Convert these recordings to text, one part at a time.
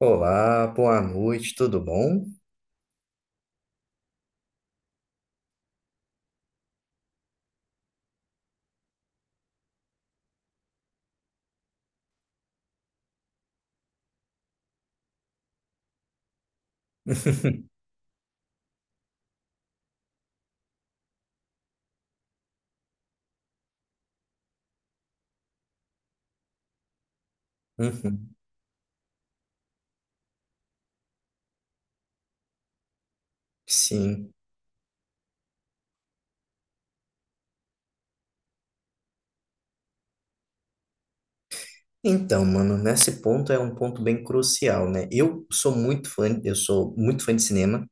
Olá, boa noite, tudo bom? Uhum. Sim. Então, mano, nesse ponto é um ponto bem crucial, né? Eu sou muito fã, eu sou muito fã de cinema.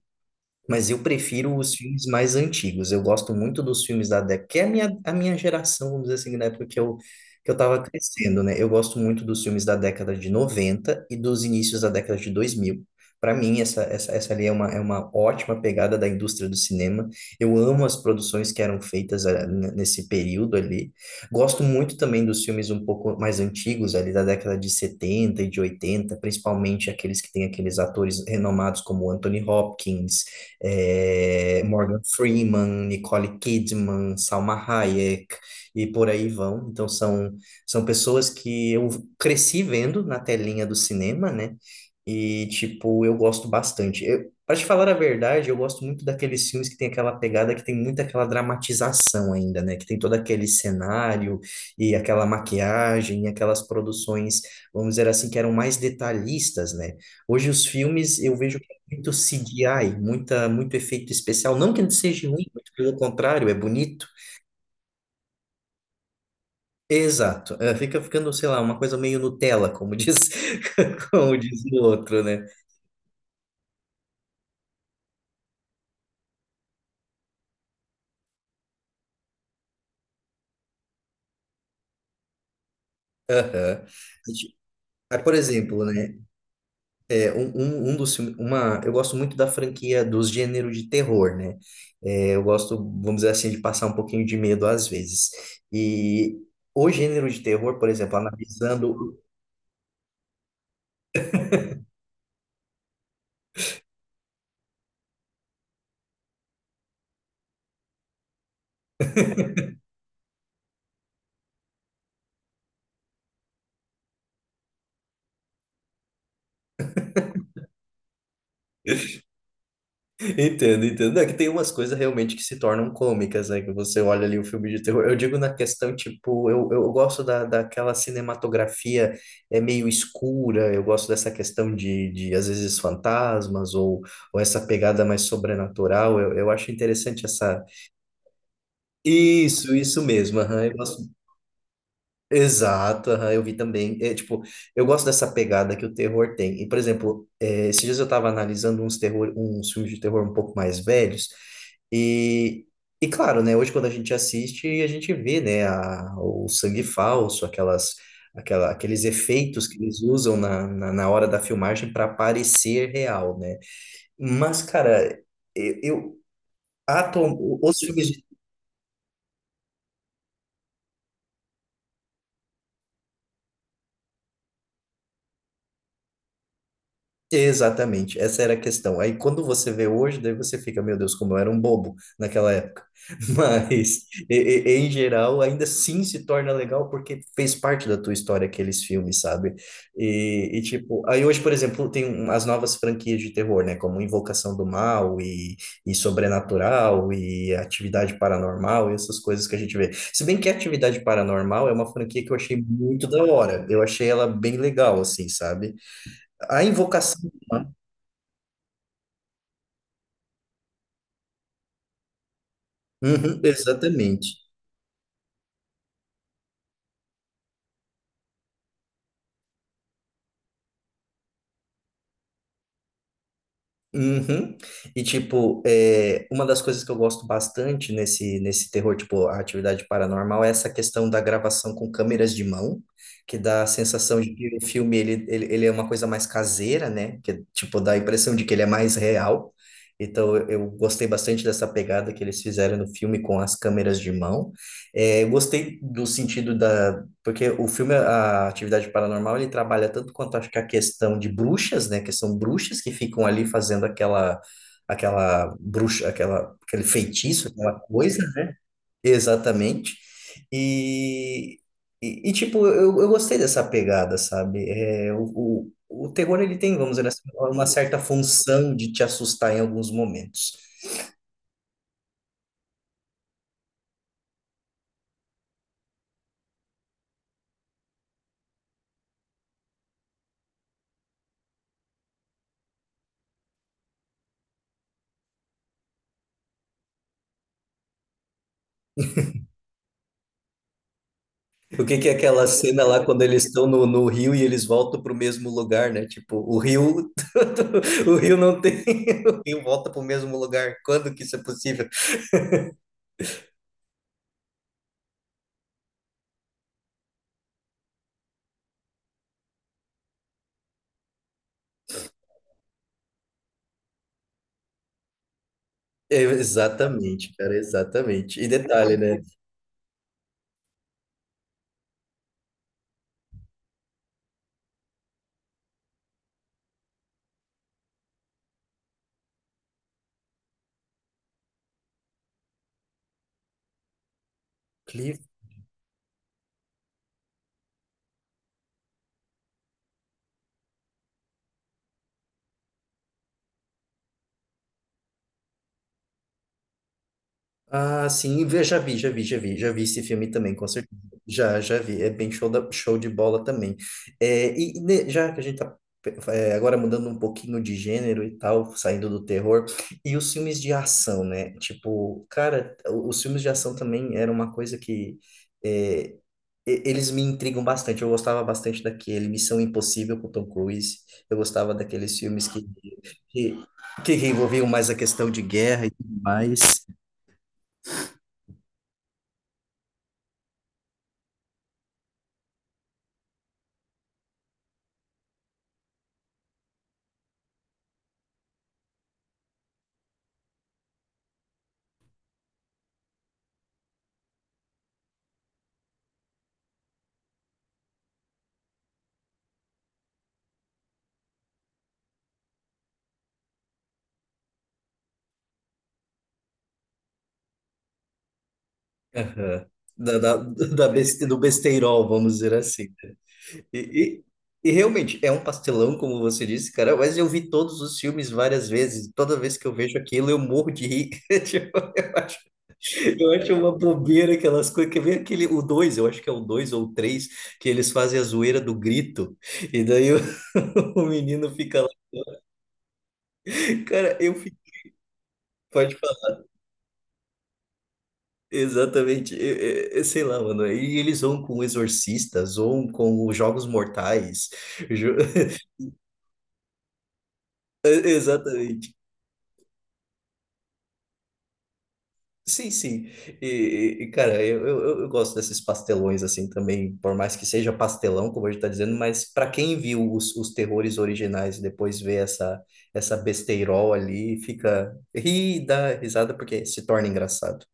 Mas eu prefiro os filmes mais antigos. Eu gosto muito dos filmes da década, que é a minha geração, vamos dizer assim, na época que eu tava crescendo, né? Eu gosto muito dos filmes da década de 90 e dos inícios da década de 2000. Para mim, essa ali é uma ótima pegada da indústria do cinema. Eu amo as produções que eram feitas nesse período ali. Gosto muito também dos filmes um pouco mais antigos, ali da década de 70 e de 80, principalmente aqueles que têm aqueles atores renomados como Anthony Hopkins, Morgan Freeman, Nicole Kidman, Salma Hayek e por aí vão. Então são, são pessoas que eu cresci vendo na telinha do cinema, né? E, tipo, eu gosto bastante. Eu, pra te falar a verdade, eu gosto muito daqueles filmes que tem aquela pegada, que tem muito aquela dramatização ainda, né? Que tem todo aquele cenário e aquela maquiagem, e aquelas produções, vamos dizer assim, que eram mais detalhistas, né? Hoje os filmes eu vejo muito CGI, muito efeito especial. Não que ele seja ruim, muito pelo contrário, é bonito. Exato. É, fica ficando, sei lá, uma coisa meio Nutella, como diz, como diz o outro, né? Aham. Aí, por exemplo, né? Um dos filmes, eu gosto muito da franquia dos gêneros de terror, né? É, eu gosto, vamos dizer assim, de passar um pouquinho de medo às vezes. E o gênero de terror, por exemplo, analisando. Entendo, entendo. É que tem umas coisas realmente que se tornam cômicas, né? Que você olha ali o filme de terror. Eu digo na questão, tipo, eu gosto daquela cinematografia é meio escura, eu gosto dessa questão de às vezes, fantasmas ou essa pegada mais sobrenatural. Eu acho interessante essa. Isso mesmo. Aham. Eu gosto. Exato, aham, eu vi também. É, tipo, eu gosto dessa pegada que o terror tem. E, por exemplo, é, esses dias eu estava analisando uns terror, uns filmes de terror um pouco mais velhos. E, e claro, né, hoje quando a gente assiste, a gente vê, né, a- o sangue falso, aquelas, aquela, aqueles efeitos que eles usam na hora da filmagem para parecer real, né? Mas, cara, eu atu- os filmes. Exatamente, essa era a questão. Aí quando você vê hoje, daí você fica, meu Deus, como eu era um bobo naquela época. Mas, e- em geral, ainda assim se torna legal porque fez parte da tua história aqueles filmes, sabe? E, tipo, aí hoje, por exemplo, tem um- as novas franquias de terror, né? Como Invocação do Mal e Sobrenatural e Atividade Paranormal e essas coisas que a gente vê. Se bem que Atividade Paranormal é uma franquia que eu achei muito da hora. Eu achei ela bem legal, assim, sabe? A Invocação. Uhum, exatamente. Uhum. E tipo, é, uma das coisas que eu gosto bastante nesse terror, tipo, a atividade paranormal, é essa questão da gravação com câmeras de mão, que dá a sensação de que o filme ele é uma coisa mais caseira, né? Que tipo, dá a impressão de que ele é mais real. Então, eu gostei bastante dessa pegada que eles fizeram no filme com as câmeras de mão. É, eu gostei do sentido. Porque o filme, a Atividade Paranormal, ele trabalha tanto quanto acho que a questão de bruxas, né? Que são bruxas que ficam ali fazendo aquela, aquela bruxa, aquela, aquele feitiço, aquela coisa, né? Exatamente. E, tipo, eu gostei dessa pegada, sabe? É, o terror, ele tem, vamos dizer assim, uma certa função de te assustar em alguns momentos. O que que é aquela cena lá quando eles estão no rio e eles voltam para o mesmo lugar, né? Tipo, o rio, o rio não tem, o rio volta para o mesmo lugar. Quando que isso é possível? É, exatamente, cara, exatamente. E detalhe, né? Ah, sim, vê- já vi esse filme também, com certeza. Já, já vi, é bem show, da- show de bola também. É, e né, já que a gente tá, é, agora mudando um pouquinho de gênero e tal, saindo do terror, e os filmes de ação, né? Tipo, cara, o- os filmes de ação também era uma coisa que é, eles me intrigam bastante. Eu gostava bastante daquele Missão Impossível com o Tom Cruise. Eu gostava daqueles filmes que, que envolviam mais a questão de guerra e tudo mais. Aham. Da, da, da beste- do besteirol, vamos dizer assim, né? E, e realmente, é um pastelão, como você disse, cara, mas eu vi todos os filmes várias vezes. Toda vez que eu vejo aquilo, eu morro de rir. Tipo, eu acho uma bobeira aquelas coisas. Que vem aquele, o dois, eu acho que é o dois ou o três, que eles fazem a zoeira do grito. E daí o, o menino fica lá. Cara, eu fico. Exatamente, eu sei lá, mano. E eles zoam com o Exorcista, zoam com os Jogos Mortais. Jo- Exatamente. Sim, sim. E, cara, eu gosto desses pastelões assim também, por mais que seja pastelão, como a gente tá dizendo, mas para quem viu os terrores originais e depois vê essa, essa besteirol ali, fica ri, dá risada porque se torna engraçado.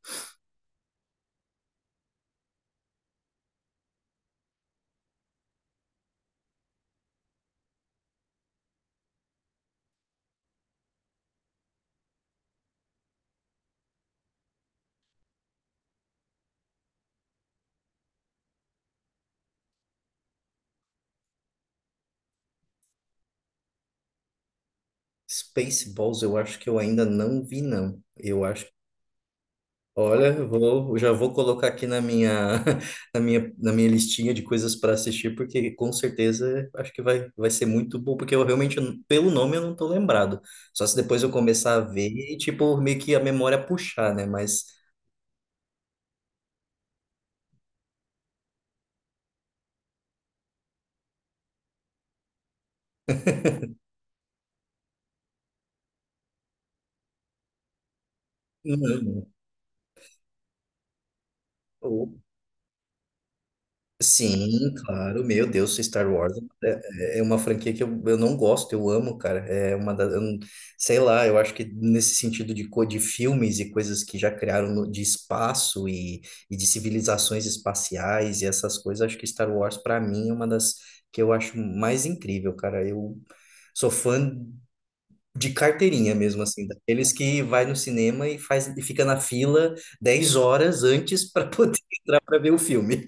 Spaceballs eu acho que eu ainda não vi, não. Eu acho. Olha, eu já vou colocar aqui na minha, na minha listinha de coisas para assistir, porque com certeza acho que vai, vai ser muito bom, porque eu realmente, pelo nome, eu não tô lembrado. Só se depois eu começar a ver e, tipo, meio que a memória puxar, né? Mas, não. Sim, claro, meu Deus, Star Wars é, é é uma franquia que eu não gosto, eu amo, cara. É uma das, eu não- sei lá, eu acho que nesse sentido de, co- de filmes e coisas que já criaram no- de espaço e de civilizações espaciais e essas coisas, acho que Star Wars pra mim é uma das que eu acho mais incrível, cara. Eu sou fã de carteirinha mesmo, assim, daqueles que vai no cinema e faz e fica na fila 10 horas antes para poder entrar para ver o filme.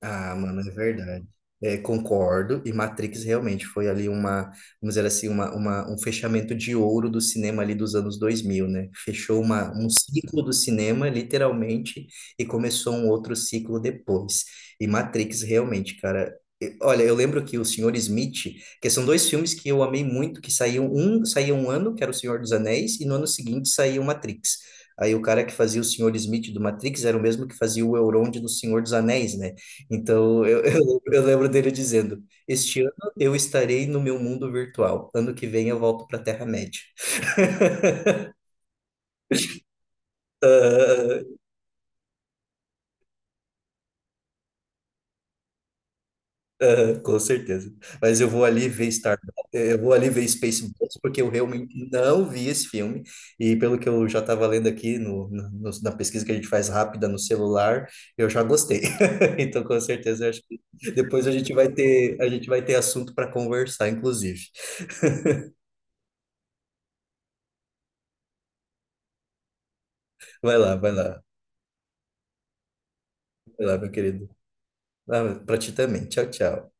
Ah, mano, é verdade. É, concordo. E Matrix realmente foi ali uma, vamos dizer assim, um fechamento de ouro do cinema ali dos anos dois mil, né? Fechou uma, um ciclo do cinema, literalmente, e começou um outro ciclo depois. E Matrix realmente, cara. E- olha, eu lembro que o Senhor Smith, que são dois filmes que eu amei muito, saía um ano, que era O Senhor dos Anéis, e no ano seguinte saía o Matrix. Aí o cara que fazia o Senhor Smith do Matrix era o mesmo que fazia o Elrond do Senhor dos Anéis, né? Então, eu lembro dele dizendo: Este ano eu estarei no meu mundo virtual, ano que vem eu volto para a Terra-média. Ah, com certeza. Mas eu vou ali ver Spaceballs, porque eu realmente não vi esse filme. E pelo que eu já estava lendo aqui na pesquisa que a gente faz rápida no celular, eu já gostei. Então, com certeza, eu acho que depois a gente vai ter assunto para conversar, inclusive. Vai lá, vai lá, meu querido. Ah, ti também. Tchau, tchau.